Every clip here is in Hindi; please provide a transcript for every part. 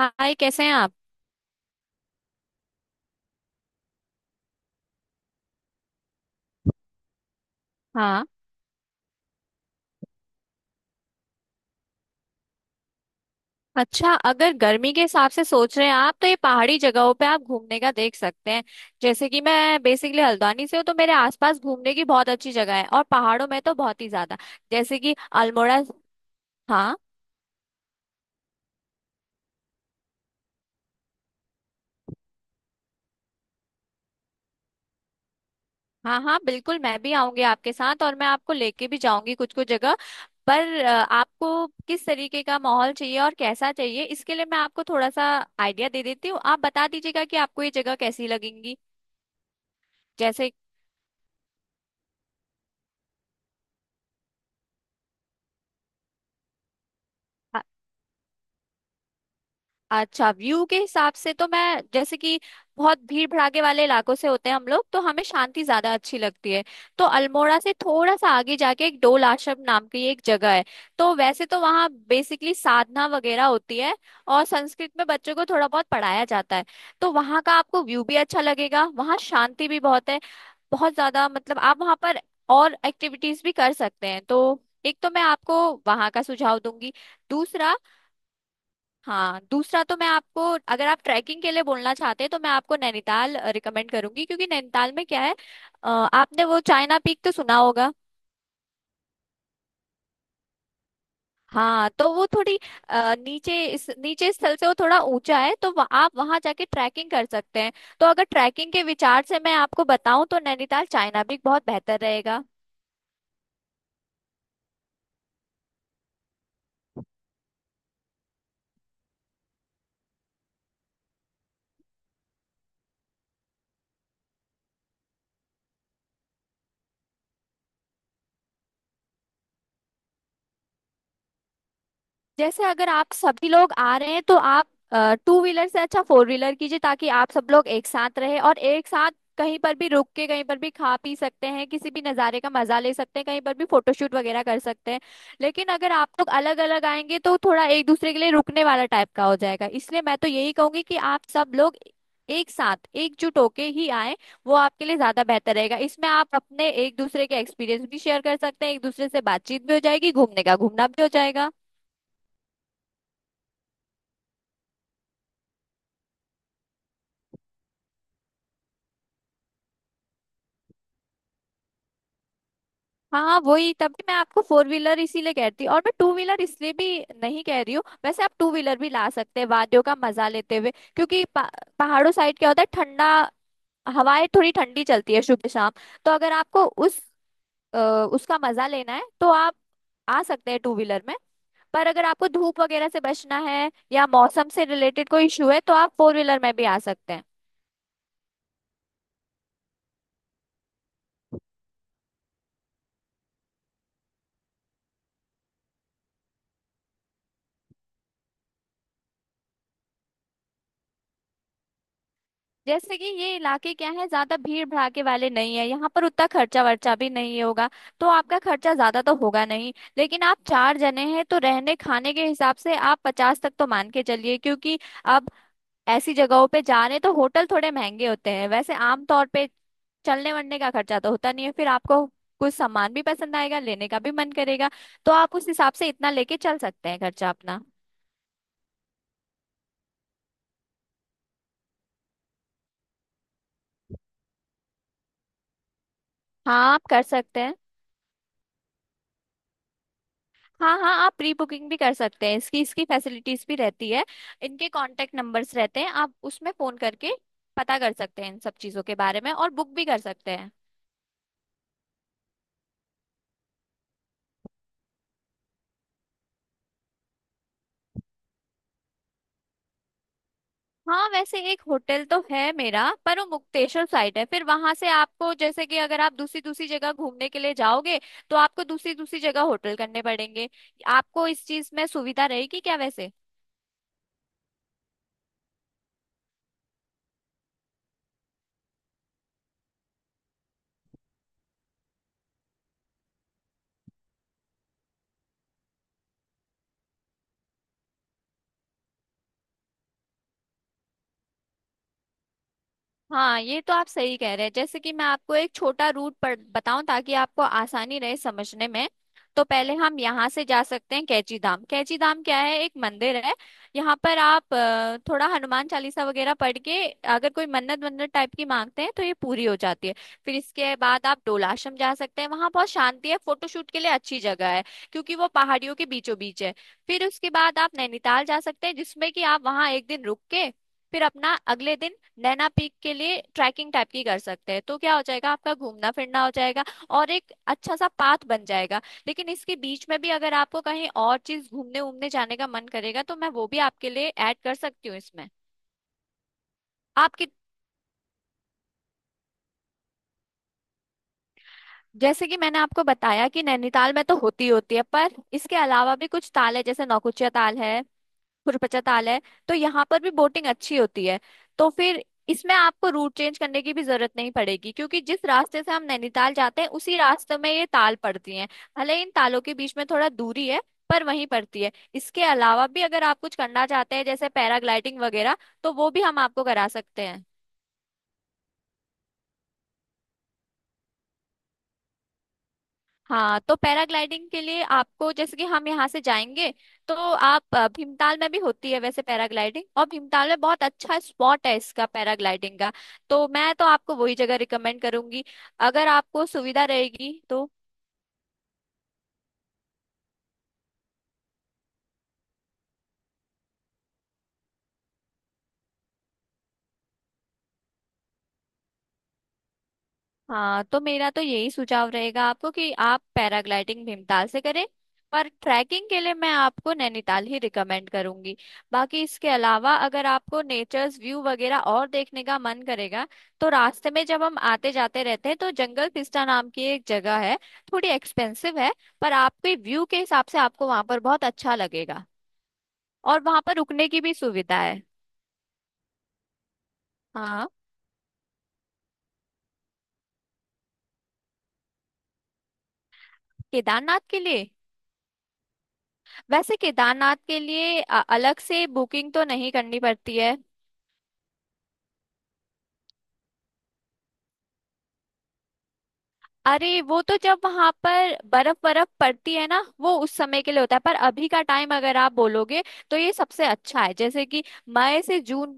हाय, कैसे हैं आप। हाँ। अच्छा, अगर गर्मी के हिसाब से सोच रहे हैं आप तो ये पहाड़ी जगहों पे आप घूमने का देख सकते हैं। जैसे कि मैं बेसिकली हल्द्वानी से हूँ तो मेरे आसपास घूमने की बहुत अच्छी जगह है, और पहाड़ों में तो बहुत ही ज्यादा। जैसे कि अल्मोड़ा। हाँ हाँ। हाँ, बिल्कुल, मैं भी आऊंगी आपके साथ और मैं आपको लेके भी जाऊंगी कुछ कुछ जगह। पर आपको किस तरीके का माहौल चाहिए और कैसा चाहिए, इसके लिए मैं आपको थोड़ा सा आइडिया दे देती हूँ, आप बता दीजिएगा कि आपको ये जगह कैसी लगेंगी। जैसे। अच्छा, व्यू के हिसाब से तो मैं, जैसे कि बहुत भीड़ भड़ाके वाले इलाकों से होते हैं हम लोग तो हमें शांति ज्यादा अच्छी लगती है। तो अल्मोड़ा से थोड़ा सा आगे जाके एक डोल आश्रम नाम की एक जगह है। तो वैसे तो वहाँ बेसिकली साधना वगैरह होती है, और संस्कृत में बच्चों को थोड़ा बहुत पढ़ाया जाता है। तो वहाँ का आपको व्यू भी अच्छा लगेगा, वहाँ शांति भी बहुत है, बहुत ज्यादा। मतलब आप वहाँ पर और एक्टिविटीज भी कर सकते हैं। तो एक तो मैं आपको वहाँ का सुझाव दूंगी। दूसरा। हाँ, दूसरा तो मैं आपको, अगर आप ट्रैकिंग के लिए बोलना चाहते हैं तो मैं आपको नैनीताल रिकमेंड करूंगी, क्योंकि नैनीताल में क्या है, आपने वो चाइना पीक तो सुना होगा। हाँ, तो वो थोड़ी नीचे, इस नीचे स्थल से वो थोड़ा ऊंचा है, तो आप वहां जाके ट्रैकिंग कर सकते हैं। तो अगर ट्रैकिंग के विचार से मैं आपको बताऊं तो नैनीताल चाइना पीक बहुत बेहतर रहेगा। जैसे अगर आप सभी लोग आ रहे हैं तो आप टू व्हीलर से अच्छा फोर व्हीलर कीजिए, ताकि आप सब लोग एक साथ रहे और एक साथ कहीं पर भी रुक के कहीं पर भी खा पी सकते हैं, किसी भी नज़ारे का मजा ले सकते हैं, कहीं पर भी फोटोशूट वगैरह कर सकते हैं। लेकिन अगर आप लोग अलग अलग आएंगे तो थोड़ा एक दूसरे के लिए रुकने वाला टाइप का हो जाएगा, इसलिए मैं तो यही कहूंगी कि आप सब लोग एक साथ एकजुट होके ही आए, वो आपके लिए ज्यादा बेहतर रहेगा। इसमें आप अपने एक दूसरे के एक्सपीरियंस भी शेयर कर सकते हैं, एक दूसरे से बातचीत भी हो जाएगी, घूमने का घूमना भी हो जाएगा। हाँ, वही, तभी मैं आपको फोर व्हीलर इसीलिए कहती हूँ, और मैं टू व्हीलर इसलिए भी नहीं कह रही हूँ, वैसे आप टू व्हीलर भी ला सकते हैं वादियों का मजा लेते हुए, क्योंकि पहाड़ों साइड क्या होता है ठंडा, हवाएं थोड़ी ठंडी चलती है सुबह शाम। तो अगर आपको उस अ, उसका मजा लेना है तो आप आ सकते हैं टू व्हीलर में। पर अगर आपको धूप वगैरह से बचना है या मौसम से रिलेटेड कोई इशू है तो आप फोर व्हीलर में भी आ सकते हैं। जैसे कि ये इलाके क्या है, ज्यादा भीड़ भड़ाके वाले नहीं है, यहाँ पर उतना खर्चा वर्चा भी नहीं होगा, तो आपका खर्चा ज्यादा तो होगा नहीं। लेकिन आप चार जने हैं तो रहने खाने के हिसाब से आप 50 तक तो मान के चलिए, क्योंकि अब ऐसी जगहों पे जा रहे हैं तो होटल थोड़े महंगे होते हैं वैसे आमतौर पे। चलने वलने का खर्चा तो होता नहीं है, फिर आपको कुछ सामान भी पसंद आएगा, लेने का भी मन करेगा, तो आप उस हिसाब से इतना लेके चल सकते हैं खर्चा अपना। हाँ, आप कर सकते हैं। हाँ हाँ, आप प्री बुकिंग भी कर सकते हैं, इसकी इसकी फैसिलिटीज भी रहती है, इनके कांटेक्ट नंबर्स रहते हैं, आप उसमें फोन करके पता कर सकते हैं इन सब चीजों के बारे में, और बुक भी कर सकते हैं। हाँ, वैसे एक होटल तो है मेरा, पर वो मुक्तेश्वर साइड है, फिर वहां से आपको, जैसे कि अगर आप दूसरी दूसरी जगह घूमने के लिए जाओगे तो आपको दूसरी दूसरी जगह होटल करने पड़ेंगे। आपको इस चीज में सुविधा रहेगी क्या वैसे। हाँ, ये तो आप सही कह रहे हैं। जैसे कि मैं आपको एक छोटा रूट पर बताऊं ताकि आपको आसानी रहे समझने में। तो पहले हम यहाँ से जा सकते हैं कैची धाम। कैची धाम क्या है, एक मंदिर है। यहाँ पर आप थोड़ा हनुमान चालीसा वगैरह पढ़ के अगर कोई मन्नत वन्नत टाइप की मांगते हैं तो ये पूरी हो जाती है। फिर इसके बाद आप डोलाश्रम जा सकते हैं, वहाँ बहुत शांति है, फोटोशूट के लिए अच्छी जगह है, क्योंकि वो पहाड़ियों के बीचों बीच है। फिर उसके बाद आप नैनीताल जा सकते हैं, जिसमें कि आप वहाँ एक दिन रुक के फिर अपना अगले दिन नैना पीक के लिए ट्रैकिंग टाइप की कर सकते हैं। तो क्या हो जाएगा, आपका घूमना फिरना हो जाएगा, और एक अच्छा सा पाथ बन जाएगा। लेकिन इसके बीच में भी अगर आपको कहीं और चीज घूमने उमने जाने का मन करेगा तो मैं वो भी आपके लिए ऐड कर सकती हूँ इसमें। आपकी, जैसे कि मैंने आपको बताया कि नैनीताल में तो होती होती है, पर इसके अलावा भी कुछ ताल है, जैसे नौकुचिया ताल है, कुरपचा ताल है, तो यहाँ पर भी बोटिंग अच्छी होती है। तो फिर इसमें आपको रूट चेंज करने की भी जरूरत नहीं पड़ेगी, क्योंकि जिस रास्ते से हम नैनीताल जाते हैं उसी रास्ते में ये ताल पड़ती हैं। भले इन तालों के बीच में थोड़ा दूरी है, पर वहीं पड़ती है। इसके अलावा भी अगर आप कुछ करना चाहते हैं जैसे पैराग्लाइडिंग वगैरह, तो वो भी हम आपको करा सकते हैं। हाँ, तो पैराग्लाइडिंग के लिए आपको, जैसे कि हम यहाँ से जाएंगे तो आप भीमताल में भी होती है वैसे पैराग्लाइडिंग, और भीमताल में बहुत अच्छा स्पॉट है इसका पैराग्लाइडिंग का, तो मैं तो आपको वही जगह रिकमेंड करूंगी, अगर आपको सुविधा रहेगी तो। हाँ, तो मेरा तो यही सुझाव रहेगा आपको कि आप पैराग्लाइडिंग भीमताल से करें, पर ट्रैकिंग के लिए मैं आपको नैनीताल ही रिकमेंड करूंगी। बाकी इसके अलावा अगर आपको नेचर्स व्यू वगैरह और देखने का मन करेगा, तो रास्ते में जब हम आते जाते रहते हैं तो जंगल पिस्टा नाम की एक जगह है, थोड़ी एक्सपेंसिव है, पर आपके व्यू के हिसाब से आपको वहां पर बहुत अच्छा लगेगा, और वहां पर रुकने की भी सुविधा है। हाँ। केदारनाथ के लिए, वैसे केदारनाथ के लिए अलग से बुकिंग तो नहीं करनी पड़ती है। अरे, वो तो जब वहां पर बर्फ बर्फ पड़ती है ना, वो उस समय के लिए होता है, पर अभी का टाइम अगर आप बोलोगे तो ये सबसे अच्छा है। जैसे कि मई से जून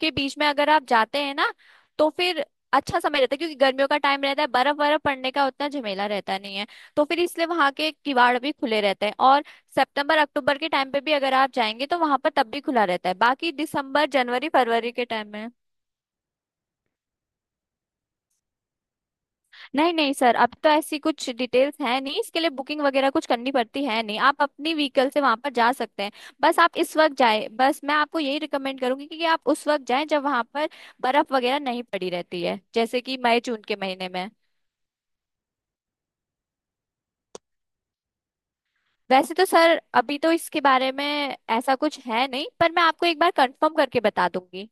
के बीच में अगर आप जाते हैं ना तो फिर अच्छा समय रहता है, क्योंकि गर्मियों का टाइम रहता है, बर्फ बर्फ पड़ने का उतना झमेला रहता नहीं है, तो फिर इसलिए वहां के किवाड़ भी खुले रहते हैं। और सितंबर अक्टूबर के टाइम पे भी अगर आप जाएंगे तो वहां पर तब भी खुला रहता है, बाकी दिसंबर जनवरी फरवरी के टाइम में। नहीं नहीं सर, अब तो ऐसी कुछ डिटेल्स है नहीं, इसके लिए बुकिंग वगैरह कुछ करनी पड़ती है नहीं, आप अपनी व्हीकल से वहां पर जा सकते हैं। बस आप इस वक्त जाए, बस मैं आपको यही रिकमेंड करूंगी कि आप उस वक्त जाएं जब वहां पर बर्फ वगैरह नहीं पड़ी रहती है, जैसे कि मई जून के महीने में। वैसे तो सर अभी तो इसके बारे में ऐसा कुछ है नहीं, पर मैं आपको एक बार कंफर्म करके बता दूंगी।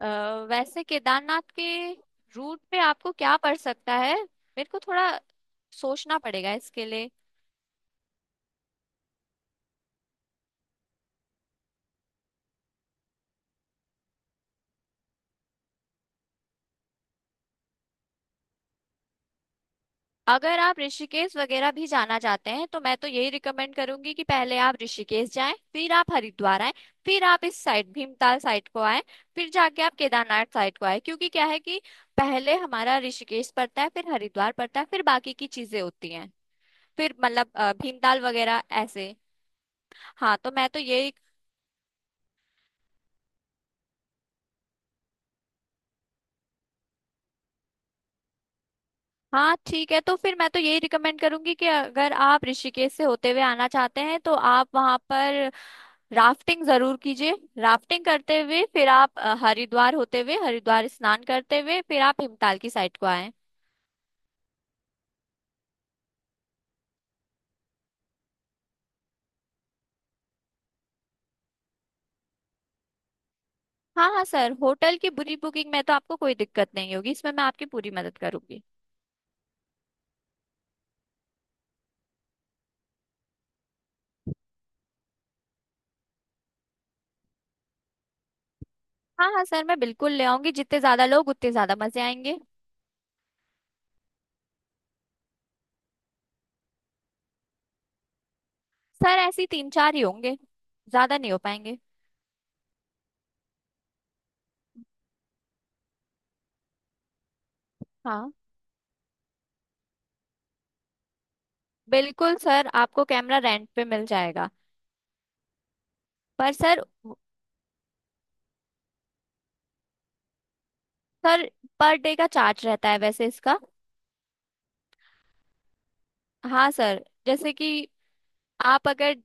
अ, वैसे केदारनाथ के रूट पे आपको क्या पड़ सकता है, मेरे को थोड़ा सोचना पड़ेगा इसके लिए। अगर आप ऋषिकेश वगैरह भी जाना चाहते हैं तो मैं तो यही रिकमेंड करूंगी कि पहले आप ऋषिकेश जाएं, फिर आप हरिद्वार आएं, फिर आप इस साइड भीमताल साइड को आएं, फिर जाके आप केदारनाथ साइड को आएं। क्योंकि क्या है कि पहले हमारा ऋषिकेश पड़ता है, फिर हरिद्वार पड़ता है, फिर बाकी की चीजें होती हैं, फिर मतलब भीमताल वगैरह ऐसे। हाँ, तो मैं तो यही। हाँ ठीक है, तो फिर मैं तो यही रिकमेंड करूंगी कि अगर आप ऋषिकेश से होते हुए आना चाहते हैं तो आप वहां पर राफ्टिंग जरूर कीजिए। राफ्टिंग करते हुए फिर आप हरिद्वार होते हुए हरिद्वार स्नान करते हुए फिर आप हिमताल की साइड को आए। हाँ हाँ सर, होटल की पूरी बुकिंग में तो आपको कोई दिक्कत नहीं होगी, इसमें मैं आपकी पूरी मदद करूंगी। हाँ हाँ सर, मैं बिल्कुल ले आऊंगी, जितने ज्यादा लोग उतने ज्यादा मजे आएंगे। सर ऐसे ही तीन चार ही होंगे, ज्यादा नहीं हो पाएंगे। हाँ, बिल्कुल सर, आपको कैमरा रेंट पे मिल जाएगा। पर सर, सर, पर डे का चार्ज रहता है वैसे इसका। हाँ सर, जैसे कि आप अगर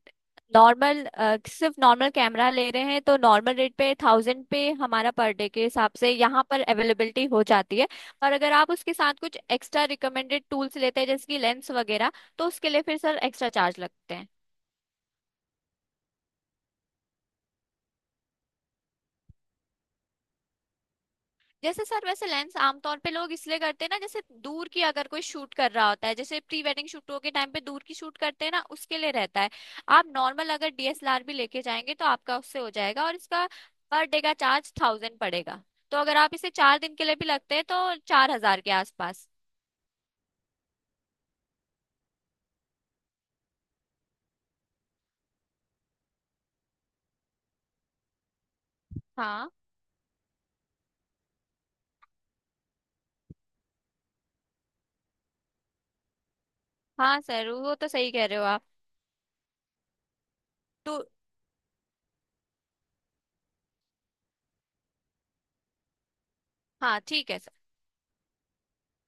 नॉर्मल, सिर्फ नॉर्मल कैमरा ले रहे हैं तो नॉर्मल रेट पे 1,000 पे, हमारा पर डे के हिसाब से यहाँ पर अवेलेबिलिटी हो जाती है। और अगर आप उसके साथ कुछ एक्स्ट्रा रिकमेंडेड टूल्स लेते हैं जैसे कि लेंस वगैरह तो उसके लिए फिर सर एक्स्ट्रा चार्ज लगते हैं। जैसे सर वैसे लेंस आमतौर पे लोग इसलिए करते हैं ना, जैसे दूर की अगर कोई शूट कर रहा होता है, जैसे प्री वेडिंग शूटों के टाइम पे दूर की शूट करते हैं ना, उसके लिए रहता है। आप नॉर्मल अगर डीएसएलआर भी लेके जाएंगे तो आपका उससे हो जाएगा, और इसका पर डे का चार्ज 1,000 पड़ेगा। तो अगर आप इसे 4 दिन के लिए भी लगते हैं तो 4,000 के आसपास। हाँ हाँ सर, वो तो सही कह रहे हो आप। तो हाँ ठीक है।